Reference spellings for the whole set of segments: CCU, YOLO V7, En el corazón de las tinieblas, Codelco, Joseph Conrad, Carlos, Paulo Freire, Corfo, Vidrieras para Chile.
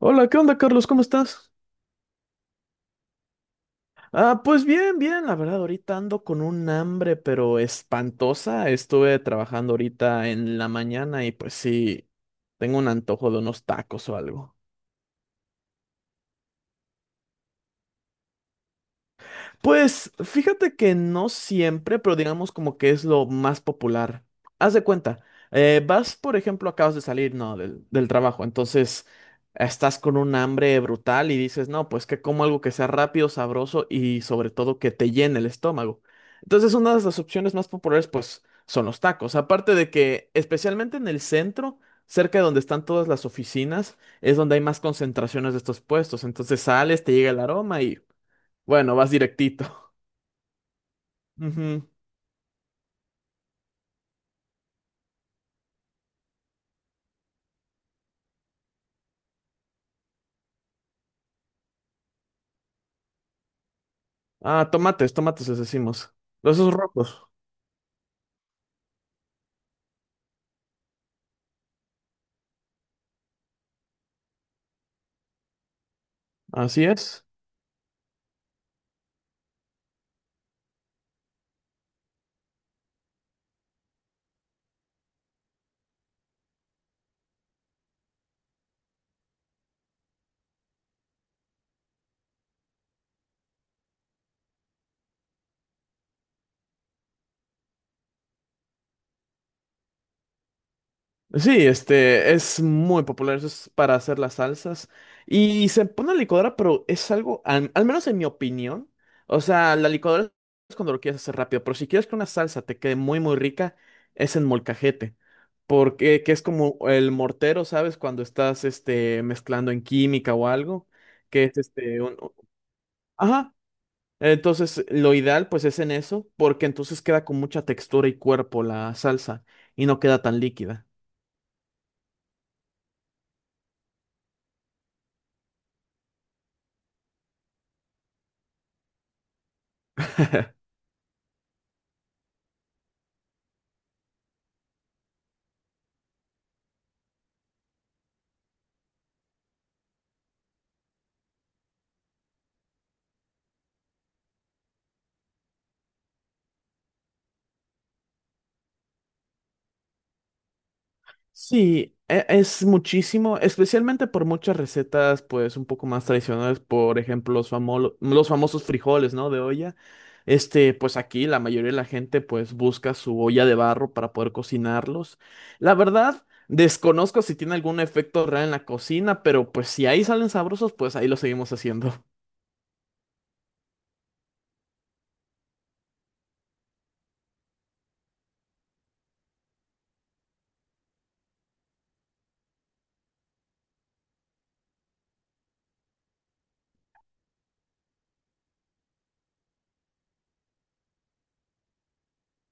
Hola, ¿qué onda, Carlos? ¿Cómo estás? Pues bien, la verdad, ahorita ando con un hambre, pero espantosa. Estuve trabajando ahorita en la mañana y pues sí, tengo un antojo de unos tacos o algo. Pues fíjate que no siempre, pero digamos como que es lo más popular. Haz de cuenta, vas, por ejemplo, acabas de salir, ¿no? del trabajo, entonces estás con un hambre brutal y dices, no, pues que como algo que sea rápido, sabroso y sobre todo que te llene el estómago. Entonces, una de las opciones más populares, pues, son los tacos. Aparte de que, especialmente en el centro, cerca de donde están todas las oficinas, es donde hay más concentraciones de estos puestos. Entonces sales, te llega el aroma y, bueno, vas directito. Ujú. Tomates, tomates les decimos. Los esos rojos, así es. Sí, este es muy popular, eso es para hacer las salsas. Y se pone a la licuadora, pero es algo, al menos en mi opinión, o sea, la licuadora es cuando lo quieres hacer rápido, pero si quieres que una salsa te quede muy, muy rica, es en molcajete. Porque que es como el mortero, ¿sabes? Cuando estás este, mezclando en química o algo, que es este, un, ajá. Entonces, lo ideal pues es en eso, porque entonces queda con mucha textura y cuerpo la salsa y no queda tan líquida. Sí, es muchísimo, especialmente por muchas recetas pues un poco más tradicionales, por ejemplo, los los famosos frijoles, ¿no? De olla. Este, pues aquí la mayoría de la gente pues busca su olla de barro para poder cocinarlos. La verdad, desconozco si tiene algún efecto real en la cocina, pero pues si ahí salen sabrosos, pues ahí lo seguimos haciendo.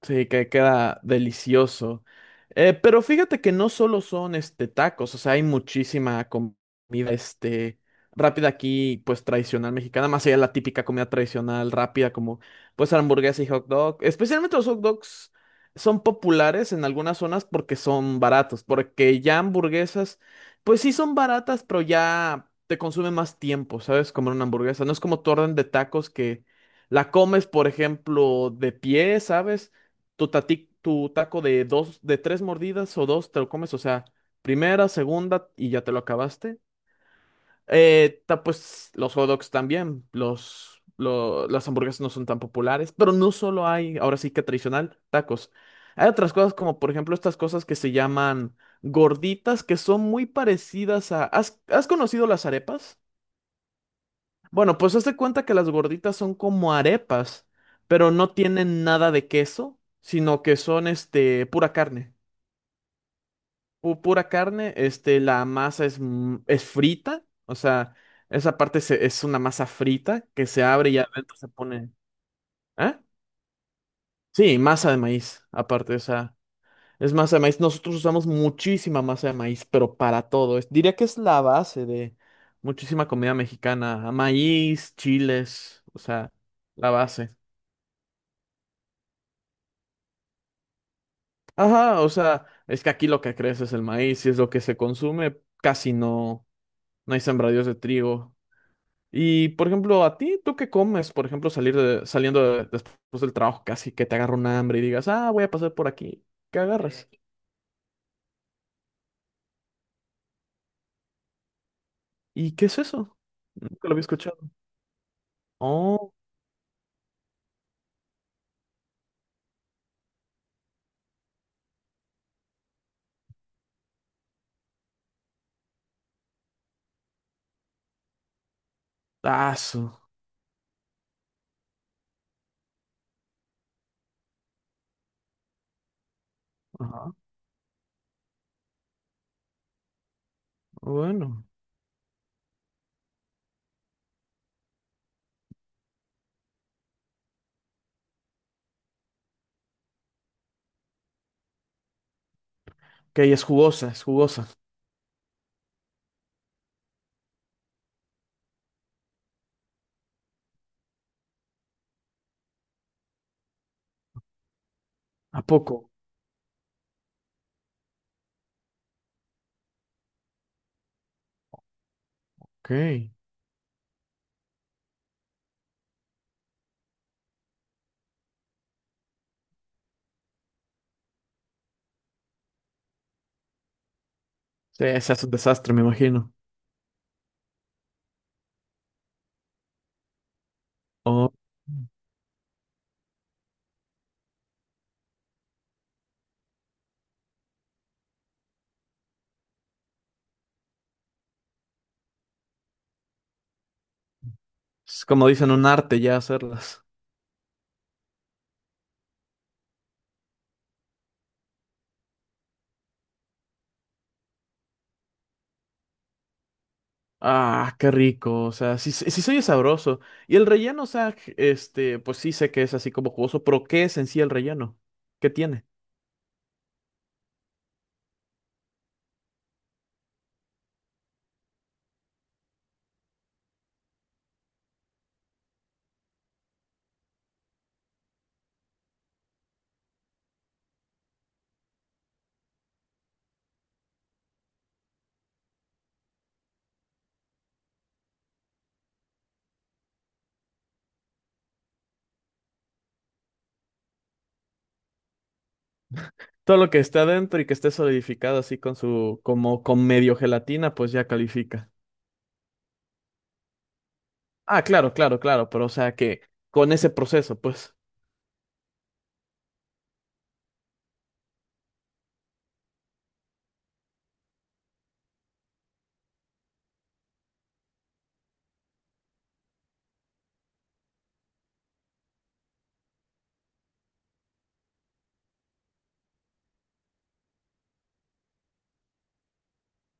Sí, que queda delicioso. Pero fíjate que no solo son este tacos, o sea, hay muchísima comida este rápida aquí, pues tradicional mexicana, más allá de la típica comida tradicional rápida como pues hamburguesa y hot dog. Especialmente los hot dogs son populares en algunas zonas porque son baratos, porque ya hamburguesas, pues sí son baratas, pero ya te consume más tiempo, ¿sabes? Comer una hamburguesa. No es como tu orden de tacos que la comes, por ejemplo, de pie, ¿sabes? Tu, tu taco de dos, de tres mordidas o dos te lo comes, o sea, primera, segunda y ya te lo acabaste. Pues los hot dogs también, las hamburguesas no son tan populares, pero no solo hay, ahora sí que tradicional, tacos. Hay otras cosas como por ejemplo estas cosas que se llaman gorditas, que son muy parecidas a... ¿Has conocido las arepas? Bueno, pues hazte cuenta que las gorditas son como arepas, pero no tienen nada de queso, sino que son este pura carne. Pura carne, este, la masa es, es frita, o sea, esa parte es una masa frita que se abre y adentro se pone, ¿eh? Sí, masa de maíz, aparte, o sea, es masa de maíz. Nosotros usamos muchísima masa de maíz, pero para todo. Diría que es la base de muchísima comida mexicana, maíz, chiles, o sea, la base. Ajá, o sea, es que aquí lo que crece es el maíz y es lo que se consume, casi no, no hay sembradíos de trigo. Y, por ejemplo, a ti, ¿tú qué comes? Por ejemplo, después del trabajo, casi que te agarra un hambre y digas, ah, voy a pasar por aquí. ¿Qué agarras? ¿Y qué es eso? Nunca lo había escuchado. Oh, tazo. Ajá. Bueno. Ok, es jugosa, es jugosa. ¿A poco? Ok. Sí, se hace un desastre, me imagino. Oh. Es como dicen, un arte ya hacerlas. Ah, qué rico, o sea, sí, sí se oye sabroso. Y el relleno, o sea, este, pues sí sé que es así como jugoso, pero ¿qué es en sí el relleno? ¿Qué tiene? Todo lo que está adentro y que esté solidificado así con su, como con medio gelatina, pues ya califica. Ah, claro, claro, claro, pero o sea que con ese proceso, pues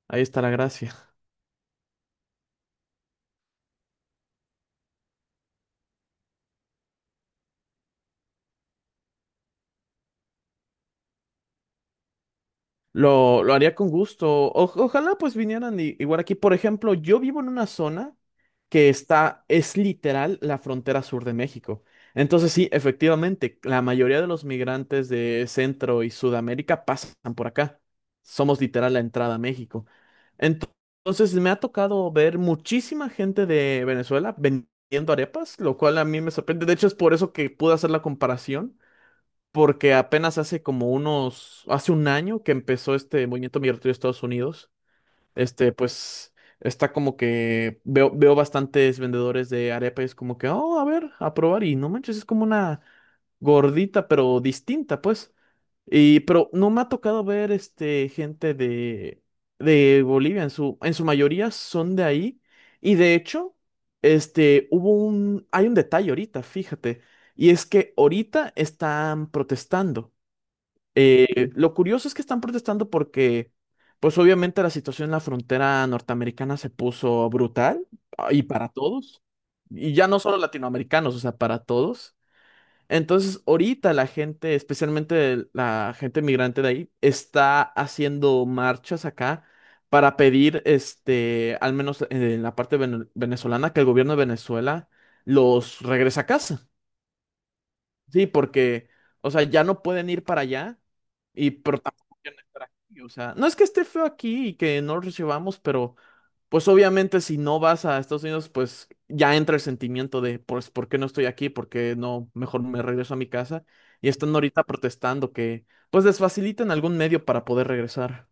ahí está la gracia. Lo haría con gusto. Ojalá pues vinieran igual aquí. Por ejemplo, yo vivo en una zona que está, es literal la frontera sur de México. Entonces sí, efectivamente, la mayoría de los migrantes de Centro y Sudamérica pasan por acá. Somos literal la entrada a México. Ento- Entonces me ha tocado ver muchísima gente de Venezuela vendiendo arepas, lo cual a mí me sorprende. De hecho, es por eso que pude hacer la comparación, porque apenas hace como unos, hace un año que empezó este movimiento migratorio de Estados Unidos. Este, pues está como que veo, veo bastantes vendedores de arepa y es como que, oh, a ver, a probar y no manches, es como una gordita, pero distinta, pues. Y, pero no me ha tocado ver, este, gente de Bolivia, en su mayoría son de ahí. Y de hecho, este, hubo un, hay un detalle ahorita, fíjate, y es que ahorita están protestando. Lo curioso es que están protestando porque, pues obviamente la situación en la frontera norteamericana se puso brutal, ah, y para todos, y ya no solo latinoamericanos, o sea, para todos. Entonces, ahorita la gente, especialmente la gente migrante de ahí, está haciendo marchas acá para pedir, este, al menos en la parte venezolana, que el gobierno de Venezuela los regrese a casa. Sí, porque, o sea, ya no pueden ir para allá y pero tampoco quieren estar aquí. O sea, no es que esté feo aquí y que no lo recibamos, pero pues obviamente si no vas a Estados Unidos, pues ya entra el sentimiento de, pues, ¿por qué no estoy aquí? ¿Por qué no? Mejor me regreso a mi casa. Y están ahorita protestando que, pues, les faciliten algún medio para poder regresar.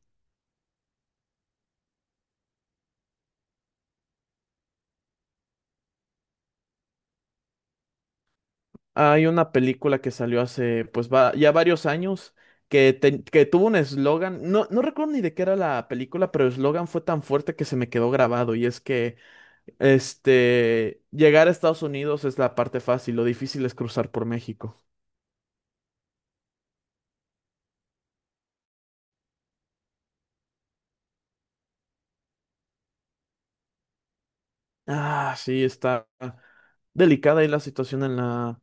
Hay una película que salió hace, pues, va, ya varios años. Que, que tuvo un eslogan, no, no recuerdo ni de qué era la película, pero el eslogan fue tan fuerte que se me quedó grabado y es que, este, llegar a Estados Unidos es la parte fácil, lo difícil es cruzar por México. Ah, sí, está delicada ahí la situación en la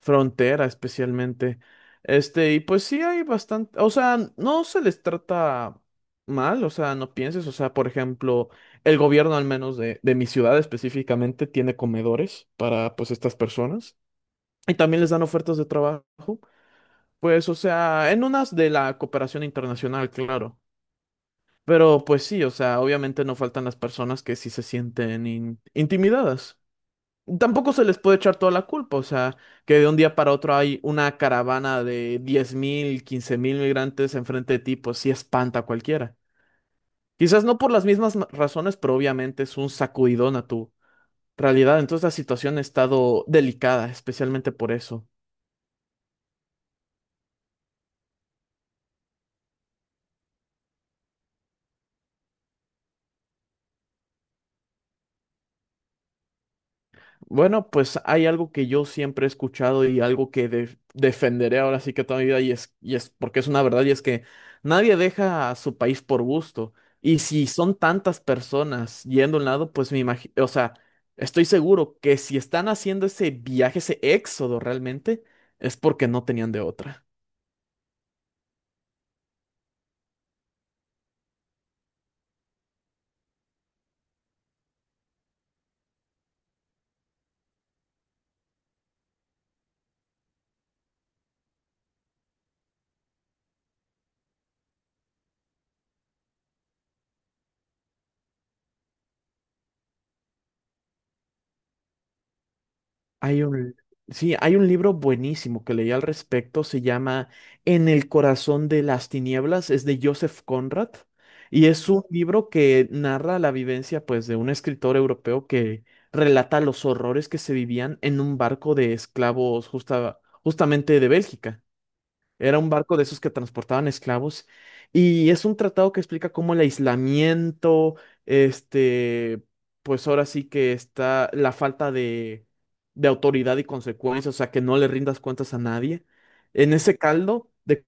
frontera, especialmente. Este, y pues sí hay bastante, o sea, no se les trata mal, o sea, no pienses, o sea, por ejemplo, el gobierno al menos de mi ciudad específicamente tiene comedores para pues estas personas y también les dan ofertas de trabajo, pues, o sea, en unas de la cooperación internacional, claro. Pero pues sí, o sea, obviamente no faltan las personas que sí se sienten intimidadas. Tampoco se les puede echar toda la culpa, o sea, que de un día para otro hay una caravana de 10,000 15,000 migrantes enfrente de ti, pues sí espanta a cualquiera. Quizás no por las mismas razones, pero obviamente es un sacudidón a tu realidad. Entonces la situación ha estado delicada, especialmente por eso. Bueno, pues hay algo que yo siempre he escuchado y algo que defenderé ahora sí que toda mi vida y es porque es una verdad y es que nadie deja a su país por gusto. Y si son tantas personas yendo a un lado, pues me imagino, o sea, estoy seguro que si están haciendo ese viaje, ese éxodo realmente, es porque no tenían de otra. Hay un, sí, hay un libro buenísimo que leí al respecto, se llama En el corazón de las tinieblas, es de Joseph Conrad, y es un libro que narra la vivencia, pues, de un escritor europeo que relata los horrores que se vivían en un barco de esclavos justamente de Bélgica. Era un barco de esos que transportaban esclavos y es un tratado que explica cómo el aislamiento, este, pues ahora sí que está la falta de autoridad y consecuencias, o sea, que no le rindas cuentas a nadie. En ese caldo de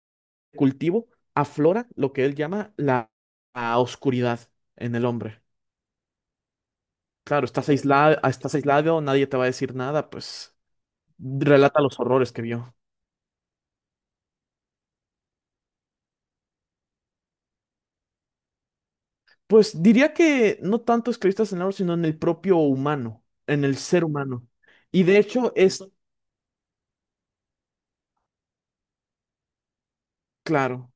cultivo aflora lo que él llama la, la oscuridad en el hombre. Claro, estás aislado, nadie te va a decir nada, pues relata los horrores que vio. Pues diría que no tanto esclavistas en el oro, sino en el propio humano, en el ser humano. Y de hecho es claro,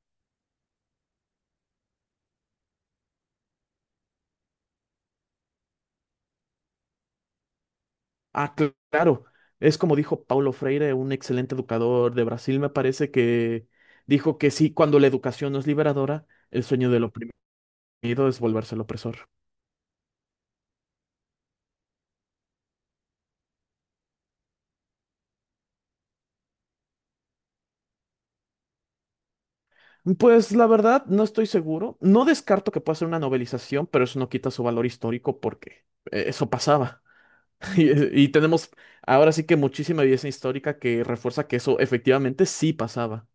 ah, claro, es como dijo Paulo Freire, un excelente educador de Brasil, me parece que dijo que sí, cuando la educación no es liberadora, el sueño del oprimido es volverse el opresor. Pues la verdad, no estoy seguro. No descarto que pueda ser una novelización, pero eso no quita su valor histórico porque eso pasaba. Y, y tenemos ahora sí que muchísima evidencia histórica que refuerza que eso efectivamente sí pasaba.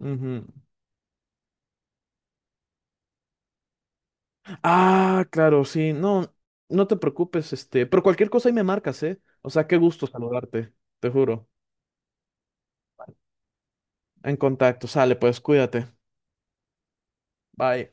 Ujú. Ah, claro, sí, no, no te preocupes, este, pero cualquier cosa ahí me marcas, ¿eh? O sea, qué gusto saludarte, te juro. En contacto, sale, pues cuídate. Bye.